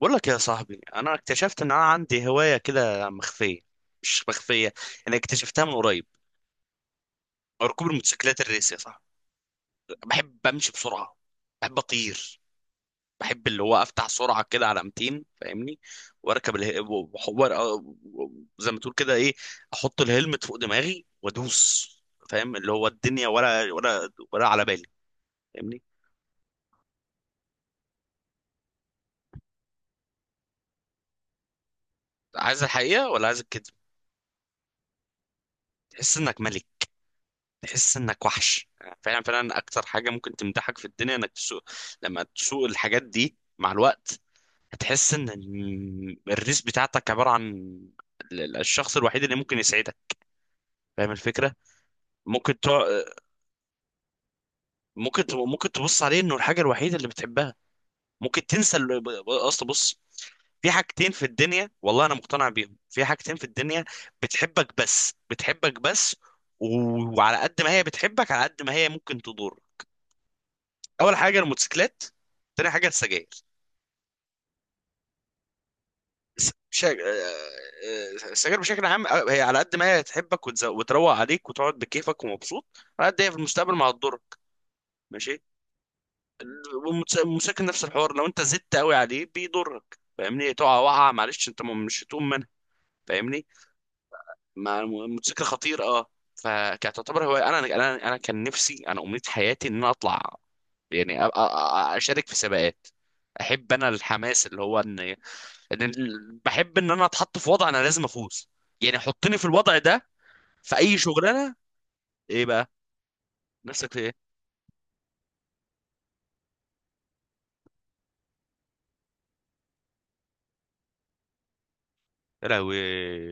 بقول لك يا صاحبي، انا اكتشفت ان انا عندي هوايه كده مخفيه. مش مخفيه، انا اكتشفتها من قريب. ركوب الموتوسيكلات الريس يا صاحبي. بحب امشي بسرعه. بحب اطير. بحب اللي هو افتح سرعه كده على 200، فاهمني. واركب اله... و- و- و- زي ما تقول كده ايه، احط الهلمت فوق دماغي وادوس. فاهم اللي هو الدنيا ولا على بالي، فاهمني. عايز الحقيقه ولا عايز الكذب؟ تحس انك ملك. تحس انك وحش. فعلا فعلا، اكتر حاجه ممكن تمدحك في الدنيا انك تسوق. لما تسوق الحاجات دي مع الوقت هتحس ان الريس بتاعتك عباره عن الشخص الوحيد اللي ممكن يسعدك. فاهم الفكره؟ ممكن تع... ممكن تبص عليه انه الحاجه الوحيده اللي بتحبها. ممكن تنسى اصل بص، في حاجتين في الدنيا والله انا مقتنع بيهم، في حاجتين في الدنيا بتحبك بس، بتحبك بس. وعلى قد ما هي بتحبك، على قد ما هي ممكن تضرك. اول حاجه الموتوسيكلات، تاني حاجه السجاير. الس- شا... آه، آه، السجاير بشكل عام، هي على قد ما هي تحبك وتروق عليك وتقعد بكيفك ومبسوط، على قد هي في المستقبل ما هتضرك. ماشي. والموتوسيكل نفس الحوار. لو انت زدت قوي عليه بيضرك، فاهمني، تقع وقعه معلش، انت مش هتقوم منها، فاهمني. مع الموتوسيكل خطير اه. فكانت تعتبر هو انا كان نفسي، انا امنية حياتي ان انا اطلع يعني اشارك في سباقات. احب انا الحماس اللي هو ان بحب ان انا اتحط في وضع انا لازم افوز يعني. حطني في الوضع ده في اي شغلانه. ايه بقى؟ نفسك في ايه؟ يا لهوي.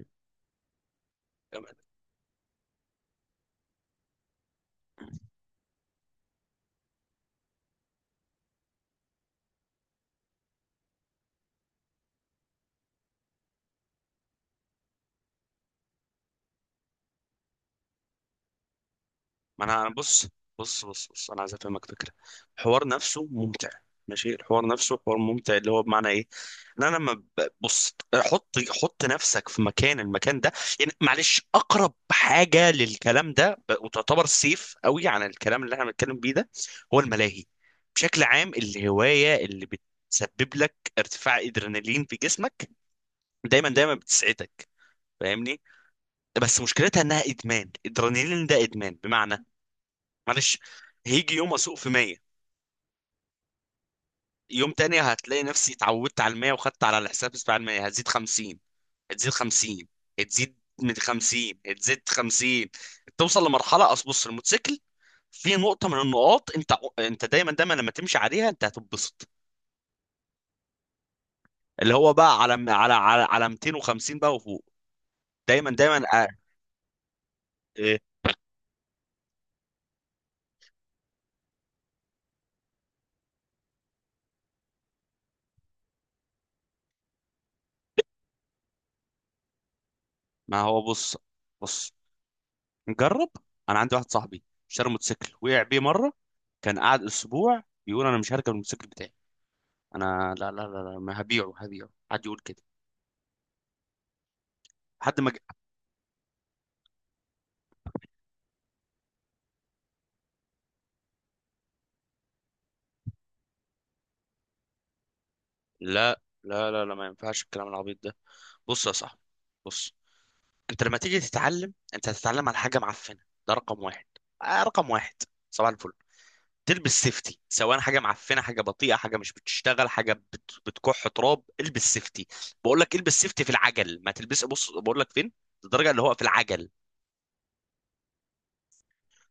ما انا بص بص بص بص، انا عايز افهمك فكره. الحوار نفسه ممتع، ماشي. الحوار نفسه حوار ممتع، اللي هو بمعنى ايه؟ إن انا لما بص، حط حط نفسك في المكان ده يعني، معلش. اقرب حاجه للكلام ده وتعتبر سيف قوي عن الكلام اللي احنا بنتكلم بيه ده، هو الملاهي. بشكل عام الهوايه اللي بتسبب لك ارتفاع ادرينالين في جسمك، دايما دايما بتسعدك، فاهمني. بس مشكلتها انها ادمان، ادرينالين ده ادمان، بمعنى، معلش، هيجي يوم اسوق في 100، يوم تاني هتلاقي نفسي اتعودت على ال 100، وخدت على الحساب بتاع ال 100، هتزيد 50، هتزيد 50، هتزيد من 50، هتزيد 50. توصل لمرحله اصل بص الموتوسيكل، في نقطه من النقاط انت، دايما دايما لما تمشي عليها انت هتتبسط. اللي هو بقى على 250 بقى وفوق، دايما دايما. آه، إيه، ما هو بص بص، نجرب. انا عندي واحد صاحبي اشترى موتوسيكل وقع بيه مره. كان قاعد اسبوع بيقول انا مش هركب الموتوسيكل بتاعي. انا لا لا لا لا، ما هبيعه، هبيعه، حد يقول كده. حد ما ج- لا لا لا لا، ما ينفعش الكلام العبيط ده. بص يا صاحبي، بص. انت لما تيجي تتعلم، انت هتتعلم على حاجه معفنه، ده رقم واحد. آه، رقم واحد. صباح الفل. تلبس سيفتي، سواء حاجه معفنه، حاجه بطيئه، حاجه مش بتشتغل، حاجه بتكح تراب، البس سيفتي. بقول لك البس سيفتي في العجل، ما تلبس بص بقول لك فين، الدرجه اللي هو في العجل.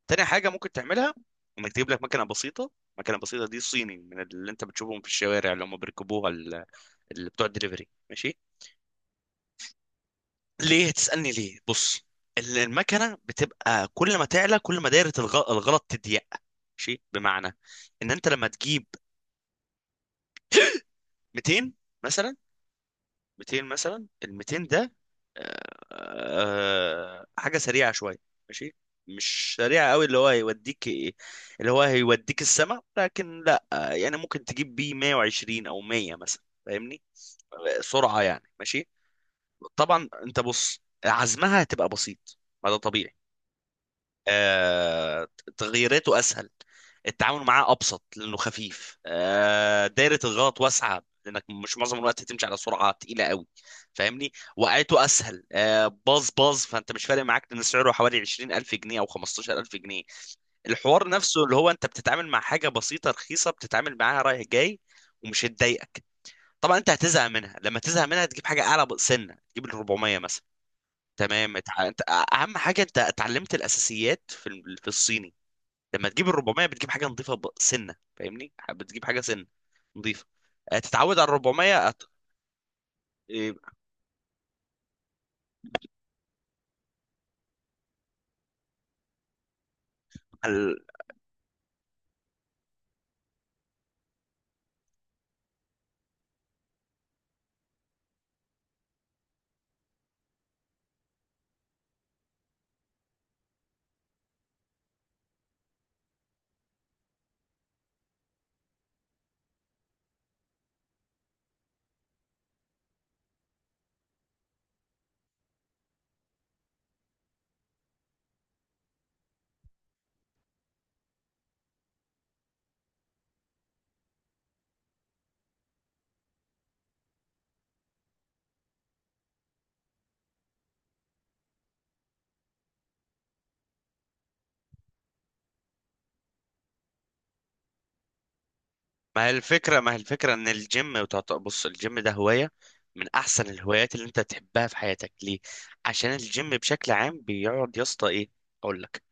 تاني حاجة ممكن تعملها انك تجيب لك مكنة بسيطة. مكنة بسيطة دي صيني، من اللي انت بتشوفهم في الشوارع، اللي هم بيركبوها اللي بتوع الدليفري، ماشي. ليه تسألني ليه، بص. المكنة بتبقى كل ما تعلى، كل ما دايرة الغلط تضيق، ماشي. بمعنى ان انت لما تجيب 200 مثلا، 200 مثلا، ال 200 ده حاجه سريعه شويه، ماشي، مش سريعه قوي اللي هو هيوديك، اللي هو هيوديك السما، لكن لا، يعني ممكن تجيب بيه 120 او 100 مثلا، فاهمني. سرعه يعني، ماشي. طبعا انت بص عزمها هتبقى بسيط، ما ده طبيعي. آه، تغييراته اسهل، التعامل معاه ابسط لانه خفيف. دايره الغلط واسعه لانك مش معظم الوقت تمشي على سرعه تقيله قوي، فاهمني. وقعته اسهل، باظ باظ فانت مش فارق معاك، لان سعره حوالي 20,000 جنيه او 15,000 جنيه. الحوار نفسه اللي هو انت بتتعامل مع حاجه بسيطه رخيصه، بتتعامل معاها رايح جاي ومش هتضايقك. طبعا انت هتزهق منها. لما تزهق منها تجيب حاجه اعلى سنه، تجيب ال 400 مثلا، تمام. انت اهم حاجه انت اتعلمت الاساسيات في في الصيني. لما تجيب ال 400 بتجيب حاجه نظيفه سنه، فاهمني، بتجيب حاجه سنه نظيفه. هتتعود على ال 400 يبقى ال- ما هي الفكره ان الجيم بص الجيم ده هوايه من احسن الهوايات اللي انت تحبها في حياتك، ليه؟ عشان الجيم بشكل عام بيقعد يا اسطى ايه، اقول لك،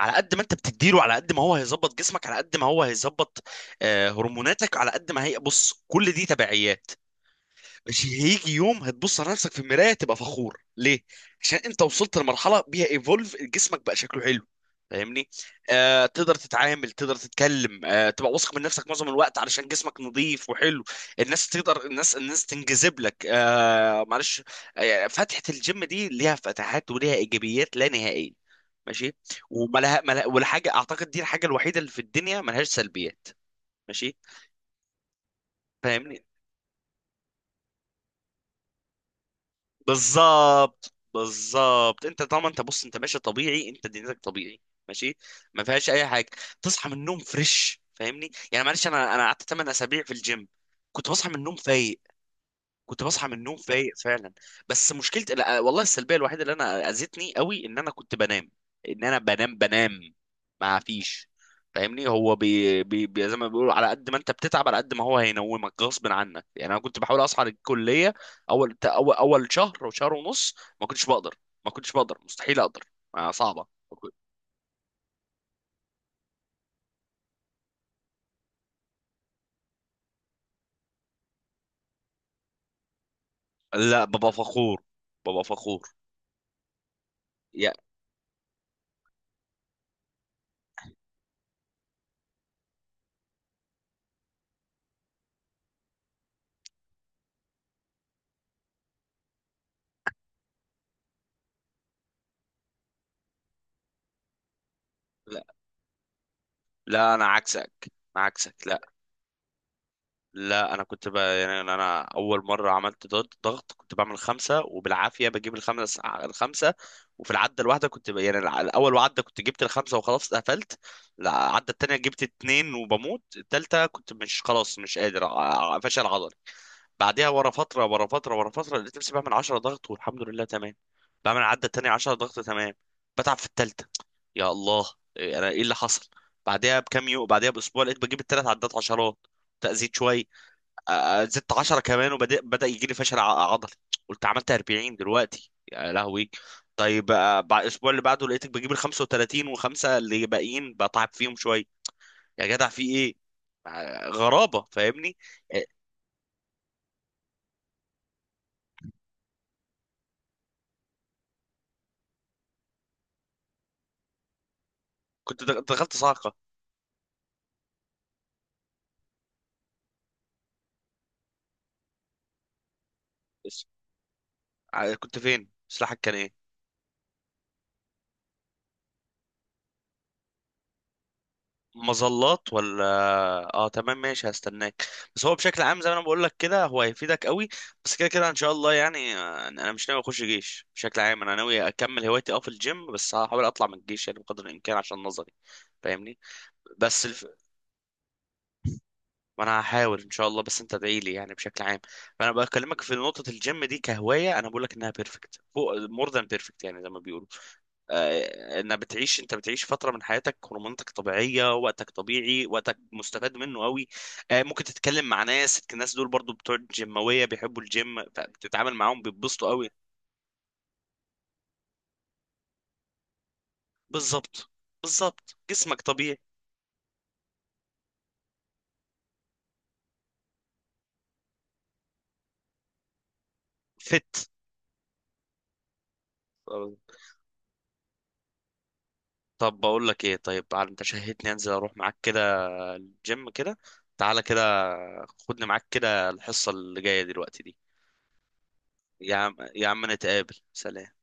على قد ما انت بتديله على قد ما هو هيظبط جسمك، على قد ما هو هيظبط هرموناتك، على قد ما هي بص كل دي تبعيات. مش هيجي يوم هتبص على نفسك في المرايه تبقى فخور؟ ليه؟ عشان انت وصلت لمرحله بيها ايفولف جسمك بقى شكله حلو، فاهمني. تقدر تتعامل، تقدر تتكلم، تبقى واثق من نفسك معظم الوقت علشان جسمك نظيف وحلو. الناس تقدر الناس الناس تنجذب لك، معلش. فتحة الجيم دي ليها فتحات وليها ايجابيات لا نهائيه، ماشي. وملها ملها ولا حاجه، اعتقد دي الحاجه الوحيده اللي في الدنيا ملهاش سلبيات، ماشي. فاهمني؟ بالظبط بالظبط، انت طالما انت بص انت ماشي طبيعي، انت دنيتك طبيعي، ماشي، ما فيهاش اي حاجه. تصحى من النوم فريش، فاهمني. يعني معلش انا قعدت 8 اسابيع في الجيم، كنت بصحى من النوم فايق، كنت بصحى من النوم فايق فعلا. بس مشكلة، لا، والله السلبية الوحيدة اللي انا اذتني قوي ان انا كنت بنام، ان انا بنام بنام، ما فيش، فاهمني. هو زي ما بيقولوا، على قد ما انت بتتعب على قد ما هو هينومك غصب عنك، يعني انا كنت بحاول اصحى للكلية. اول شهر او شهر ونص ما كنتش بقدر، ما كنتش بقدر، مستحيل اقدر. صعبة. لا بابا فخور، بابا فخور. يا لا لا، انا عكسك، انا عكسك، لا. لا انا كنت بقى يعني انا اول مره عملت ضغط، ضغط كنت بعمل خمسه وبالعافيه بجيب الخمسه الخمسه. وفي العده الواحده كنت الاول عده كنت جبت الخمسه وخلاص قفلت. العده التانيه جبت اتنين وبموت. التالته كنت مش خلاص مش قادر فشل عضلي. بعدها ورا فتره، ورا فتره، ورا فتره لقيت نفسي بعمل 10 ضغط، والحمد لله تمام. بعمل العده التانيه 10 ضغط تمام، بتعب في التالته. يا الله، إيه، انا ايه اللي حصل؟ بعدها بكام يوم، بعدها باسبوع، لقيت بجيب التلات عدات عشرات، تأزيد شوية. زدت 10 كمان وبدأ يجي لي فشل عضلي. قلت عملت 40 دلوقتي، يا لهوي. طيب، بعد الاسبوع اللي بعده لقيتك بجيب ال 35 وخمسه اللي باقيين بتعب فيهم شويه. يا جدع في ايه؟ غرابه، فاهمني. آه، كنت دخلت صاعقه، بس. كنت فين؟ سلاحك كان ايه؟ مظلات ولا؟ اه تمام، ماشي، هستناك. بس هو بشكل عام زي ما انا بقول لك كده، هو هيفيدك قوي، بس كده كده ان شاء الله يعني. انا مش ناوي اخش جيش بشكل عام، انا ناوي اكمل هوايتي في الجيم، بس هحاول اطلع من الجيش يعني بقدر الامكان عشان نظري، فاهمني. بس ما انا هحاول ان شاء الله، بس انت ادعي لي يعني، بشكل عام. فانا بكلمك في نقطة الجيم دي كهواية، انا بقول لك انها بيرفكت، فوق مور ذان بيرفكت، يعني زي ما بيقولوا. انها بتعيش انت بتعيش فتره من حياتك هرموناتك طبيعيه، وقتك طبيعي، وقتك مستفاد منه قوي. ممكن تتكلم مع الناس دول برضو بتوع الجيماويه بيحبوا الجيم، فبتتعامل معاهم بيتبسطوا قوي. بالظبط بالظبط جسمك طبيعي. فت طب بقول لك ايه؟ طيب، على انت شهيتني انزل اروح معاك كده جيم كده، تعالى كده خدني معاك كده، الحصه اللي جايه دلوقتي دي. يا عم يا عم، نتقابل، سلام.